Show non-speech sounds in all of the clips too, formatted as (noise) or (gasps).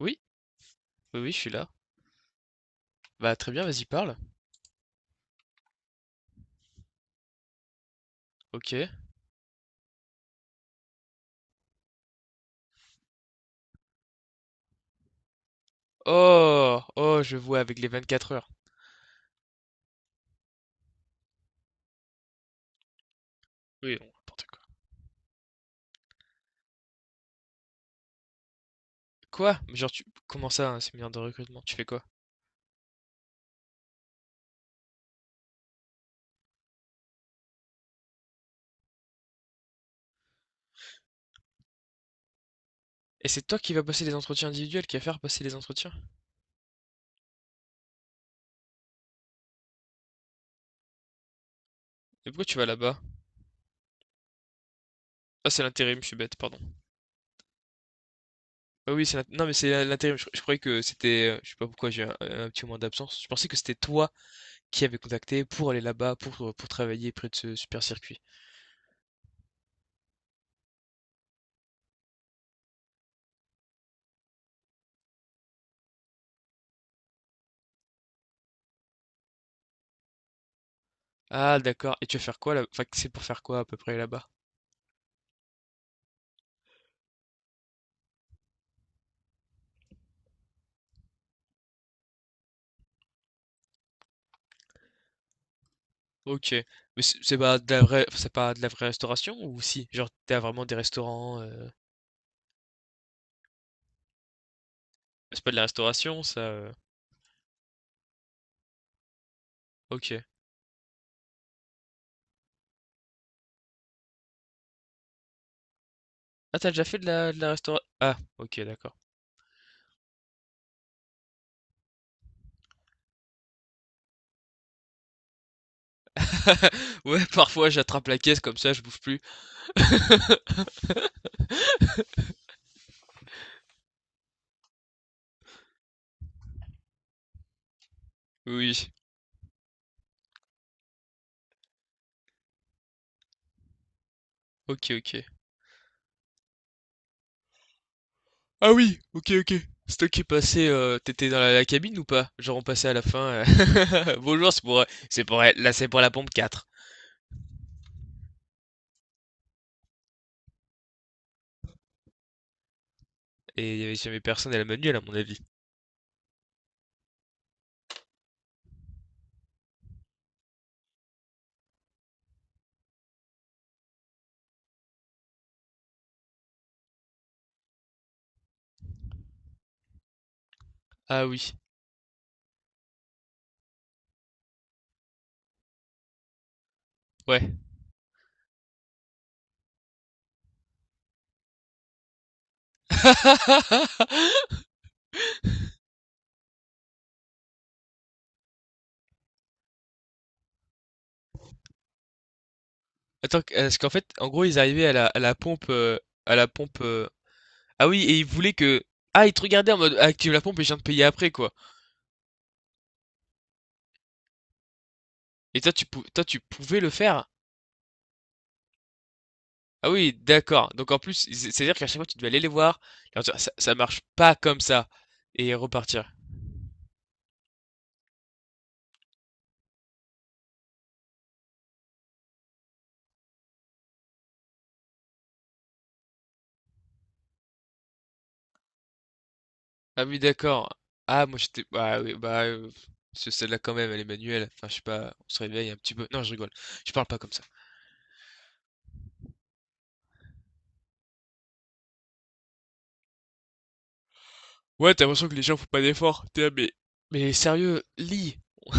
Oui, oui, oui, je suis là. Bah très bien, vas-y, parle. Ok. Oh, oh, je vois avec les 24 heures. Oui, bon, n'importe quoi. Quoi? Mais genre, comment ça, un séminaire de recrutement? Tu fais quoi? Et c'est toi qui vas passer les entretiens individuels, qui va faire passer les entretiens? Mais pourquoi tu vas là-bas? Ah, c'est l'intérim, je suis bête, pardon. Ah oui, non, mais c'est l'intérim. Je croyais que c'était, je sais pas pourquoi j'ai un petit moment d'absence. Je pensais que c'était toi qui avais contacté pour aller là-bas, pour travailler près de ce super circuit. Ah, d'accord. Et tu vas faire quoi là? Enfin, c'est pour faire quoi à peu près là-bas? Ok. Mais c'est pas de la vraie, enfin, c'est pas de la vraie restauration ou si? Genre, t'as vraiment des restaurants. C'est pas de la restauration, ça. Ok. Ah, t'as déjà fait de la restauration? Ah, ok, d'accord. (laughs) Ouais, parfois j'attrape la caisse comme ça je bouffe plus. Oui. Oui. Ok, ok. Ah oui, OK, OK. C'est toi qui est passé, tu dans la cabine ou pas? Genre, on passait à la fin, (laughs) «Bonjour, c'est pour la là, c'est pour la pompe quatre. Et il y avait jamais personne à la manuelle à mon avis. Ah oui, ouais. (laughs) Attends, q est qu'en fait, en gros, ils arrivaient à la pompe, à la pompe. Ah oui, et ils voulaient que... Ah, ils te regardaient en mode: ah, «Active la pompe et je viens de payer après», quoi. Et toi, tu pou toi tu pouvais le faire? Ah oui, d'accord. Donc en plus, c'est-à-dire qu'à chaque fois, tu devais aller les voir, leur dire, ça marche pas comme ça, et repartir. Ah oui, d'accord. Ah, moi j'étais... Ah oui, bah. C'est celle-là quand même, elle est manuelle. Enfin, je sais pas, on se réveille un petit peu. Non, je rigole. Je parle pas comme ça. Ouais, t'as l'impression que les gens font pas d'efforts. T'es là, mais... Mais sérieux, lis! (laughs)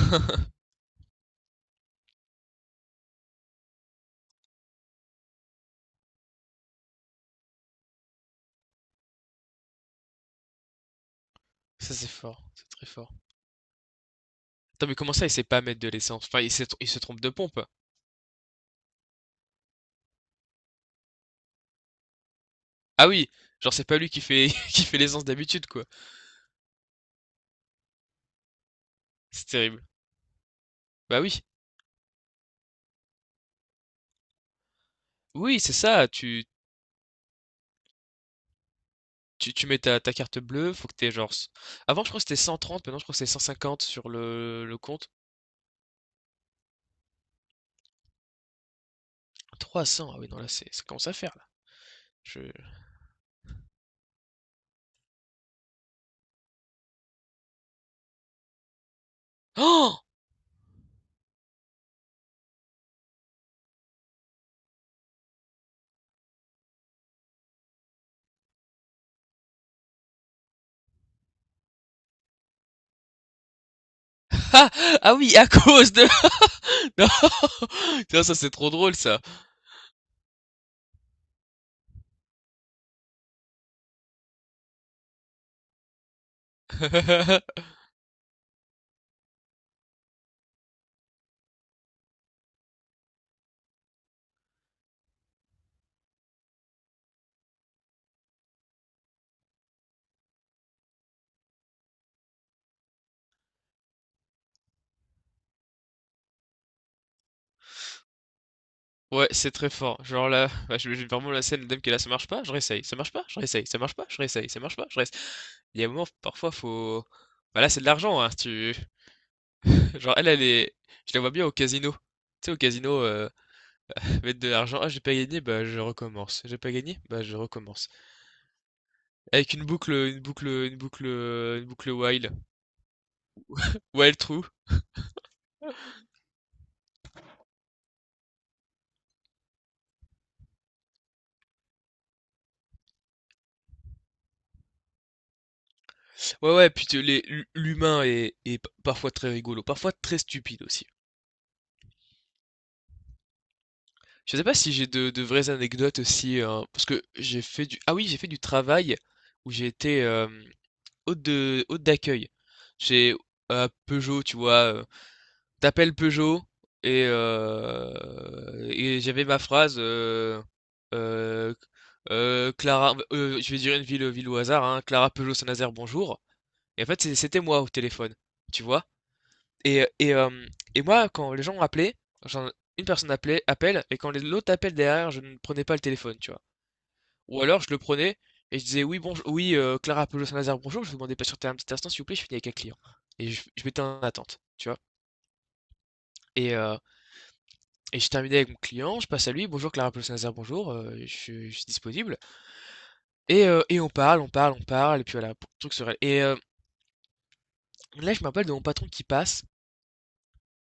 Ça, c'est fort, c'est très fort. Attends, mais comment ça, il sait pas mettre de l'essence? Enfin, il se trompe de pompe. Ah oui, genre c'est pas lui qui fait (laughs) qui fait l'essence d'habitude, quoi. C'est terrible. Bah oui, oui, c'est ça. Tu mets ta carte bleue, faut que t'aies genre. Avant, je crois que c'était 130, maintenant je crois que c'est 150 sur le compte. 300, ah oui, non, là, c'est, ça commence à faire, là. Je... (gasps) Oh! Ah! Ah oui, à cause de... (laughs) Non! (laughs) Tiens, ça, c'est trop drôle, ça! (laughs) Ouais, c'est très fort. Genre là, bah, j'imagine vraiment la scène, le dame qui est là, ça marche pas, je réessaye, ça marche pas, je réessaye, ça marche pas, je réessaye, ça marche pas, je réessaye. Il y a un moment, parfois faut... Bah là, c'est de l'argent, hein, si tu... (laughs) Genre, elle, elle est... Je la vois bien au casino. Tu sais, au casino, mettre de l'argent. Ah, j'ai pas gagné, bah je recommence. J'ai pas gagné, bah je recommence. Avec une boucle, une boucle, une boucle, une boucle while. While true. Ouais, ouais, puis l'humain est parfois très rigolo, parfois très stupide aussi. Je sais pas si j'ai de vraies anecdotes aussi, hein, parce que j'ai fait du... Ah oui, j'ai fait du travail où j'ai été hôte d'accueil. J'ai à Peugeot, tu vois. T'appelles Peugeot et, euh, et j'avais ma phrase euh, Clara, je vais dire une ville au hasard, hein, Clara Peugeot Saint-Nazaire, bonjour. Et en fait, c'était moi au téléphone, tu vois. Et, et, euh, et moi, quand les gens genre, une personne appelait, appelle, et quand l'autre appelle derrière, je ne prenais pas le téléphone, tu vois. Ou alors, je le prenais et je disais: oui, bonjour, oui, Clara Peugeot Saint-Nazaire, bonjour, je vous demandais pas sur un petit instant, s'il vous plaît, je finis avec un client. Et je m'étais en attente, tu vois. Et, euh, Et je terminé avec mon client, je passe à lui: bonjour Clara Paul-Saint-Nazaire, bonjour, je suis disponible. Et on parle, on parle, on parle et puis voilà, pour truc se là, je me rappelle de mon patron qui passe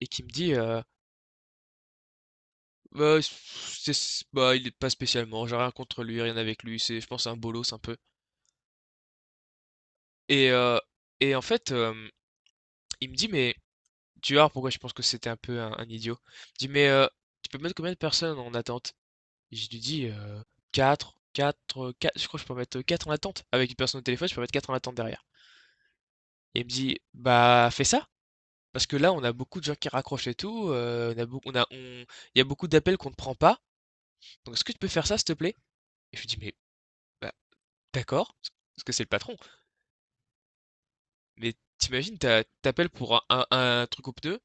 et qui me dit: «Bah, c'est s bah, il est pas spécialement, j'ai rien contre lui, rien avec lui, c'est je pense c'est un bolos un peu». Et heu et en fait, il me dit: «Mais», tu vois pourquoi je pense que c'était un peu un idiot. Il me dit: «Mais, tu peux mettre combien de personnes en attente?» Et je lui dis: quatre. Je crois que je peux mettre 4 en attente. Avec une personne au téléphone, je peux mettre 4 en attente derrière. Il me dit: «Bah, fais ça, parce que là, on a beaucoup de gens qui raccrochent et tout, on a beaucoup on a on il y a beaucoup d'appels qu'on ne prend pas, donc est-ce que tu peux faire ça, s'il te plaît?» Et je lui dis: «Mais, bah, d'accord», parce que c'est le patron, mais tu imagines, tu pour un truc aux pneus,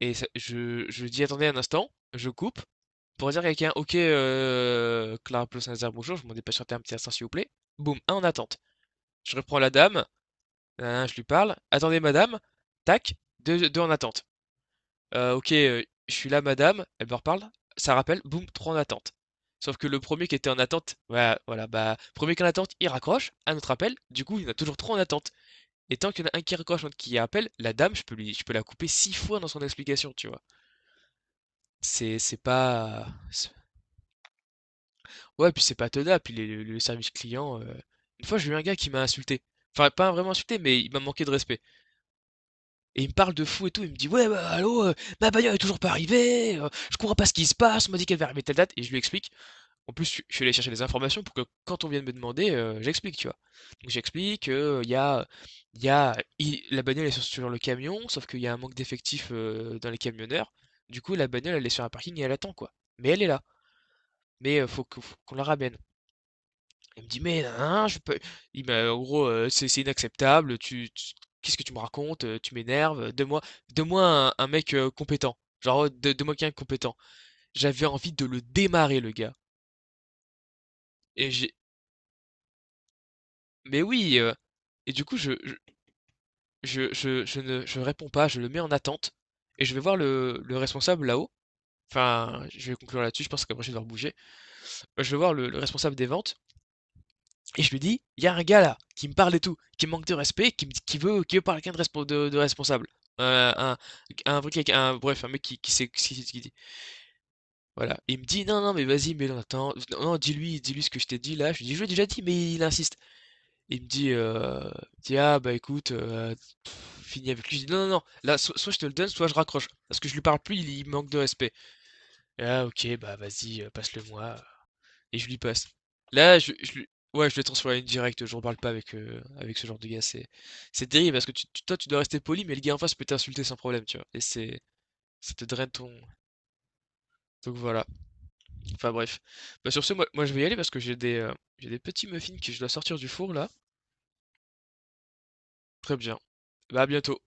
et ça je dis: «Attendez un instant», je coupe pour dire à quelqu'un: «OK, Clara Ploss-Nassar, bonjour, je m'en dépêche de un petit instant, s'il vous plaît». Boum, un en attente. Je reprends la dame, na je lui parle: «Attendez madame», tac, deux 2 en attente. OK, je suis là madame, elle me reparle, ça rappelle, boum, trois en attente. Sauf que le premier qui était en attente, voilà, voilà, bah, premier qui est en attente, il raccroche, un autre appel, du coup, il y en a toujours 3 en attente, et tant qu'il y en a un qui raccroche, l'autre qui appelle, la dame, je peux la couper 6 fois dans son explication, tu vois? C'est pas c'est Ouais, puis c'est pas tenable, puis les le service client, une fois, j'ai eu un gars qui m'a insulté, enfin, pas vraiment insulté, mais il m'a manqué de respect. Et il me parle de fou et tout, il me dit: «Ouais, bah, allô, ma bagnole est toujours pas arrivée, je comprends pas ce qui se passe, on m'a dit qu'elle va arriver telle date», et je lui explique. En plus, je suis allé chercher des informations pour que quand on vient de me demander, j'explique, tu vois? Donc j'explique qu'il y a, il y a, i la bagnole est sur le camion, sauf qu'il y a un manque d'effectifs, dans les camionneurs. Du coup, la bagnole, elle est sur un parking et elle attend, quoi. Mais elle est là, mais, faut qu'on la ramène. Il me dit: «Mais hein, je peux». Il m'a en gros: «C'est inacceptable, tu qu'est-ce que tu me racontes? Tu m'énerves, donne-moi un mec, compétent, genre, donne-moi quelqu'un de compétent». J'avais envie de le démarrer, le gars, et j'ai... mais oui, et du coup je ne je réponds pas, je le mets en attente et je vais voir le responsable là-haut, enfin, je vais conclure là-dessus, je pense qu'après je vais devoir bouger. Je vais voir le responsable des ventes. Et je lui dis: il y a un gars là qui me parle et tout, qui me manque de respect, qui veut parler avec quelqu'un de responsable. Euh, un, un truc avec un, bref, un mec qui sait ce qu'il dit. Voilà. Et il me dit: non, non, mais vas-y, mais non, attends, non, non, dis-lui, dis-lui ce que je t'ai dit là. Je lui dis: je l'ai déjà dit, mais il insiste. Et il me dit, ah, bah, écoute, pff, finis avec lui. Je dis: non, non, non, là, soit je te le donne, soit je raccroche. Parce que je lui parle plus, il manque de respect. Et, ah, ok, bah vas-y, passe-le-moi, et je lui passe. Là, ouais, je vais transformer en une directe, j'en parle pas avec ce genre de gars, c'est terrible, parce que tu, toi tu dois rester poli, mais le gars en face peut t'insulter sans problème, tu vois. Et c'est... ça te draine, ton... donc voilà. Enfin, bref. Bah, sur ce, moi je vais y aller parce que j'ai des petits muffins que je dois sortir du four, là. Très bien. Bah, à bientôt.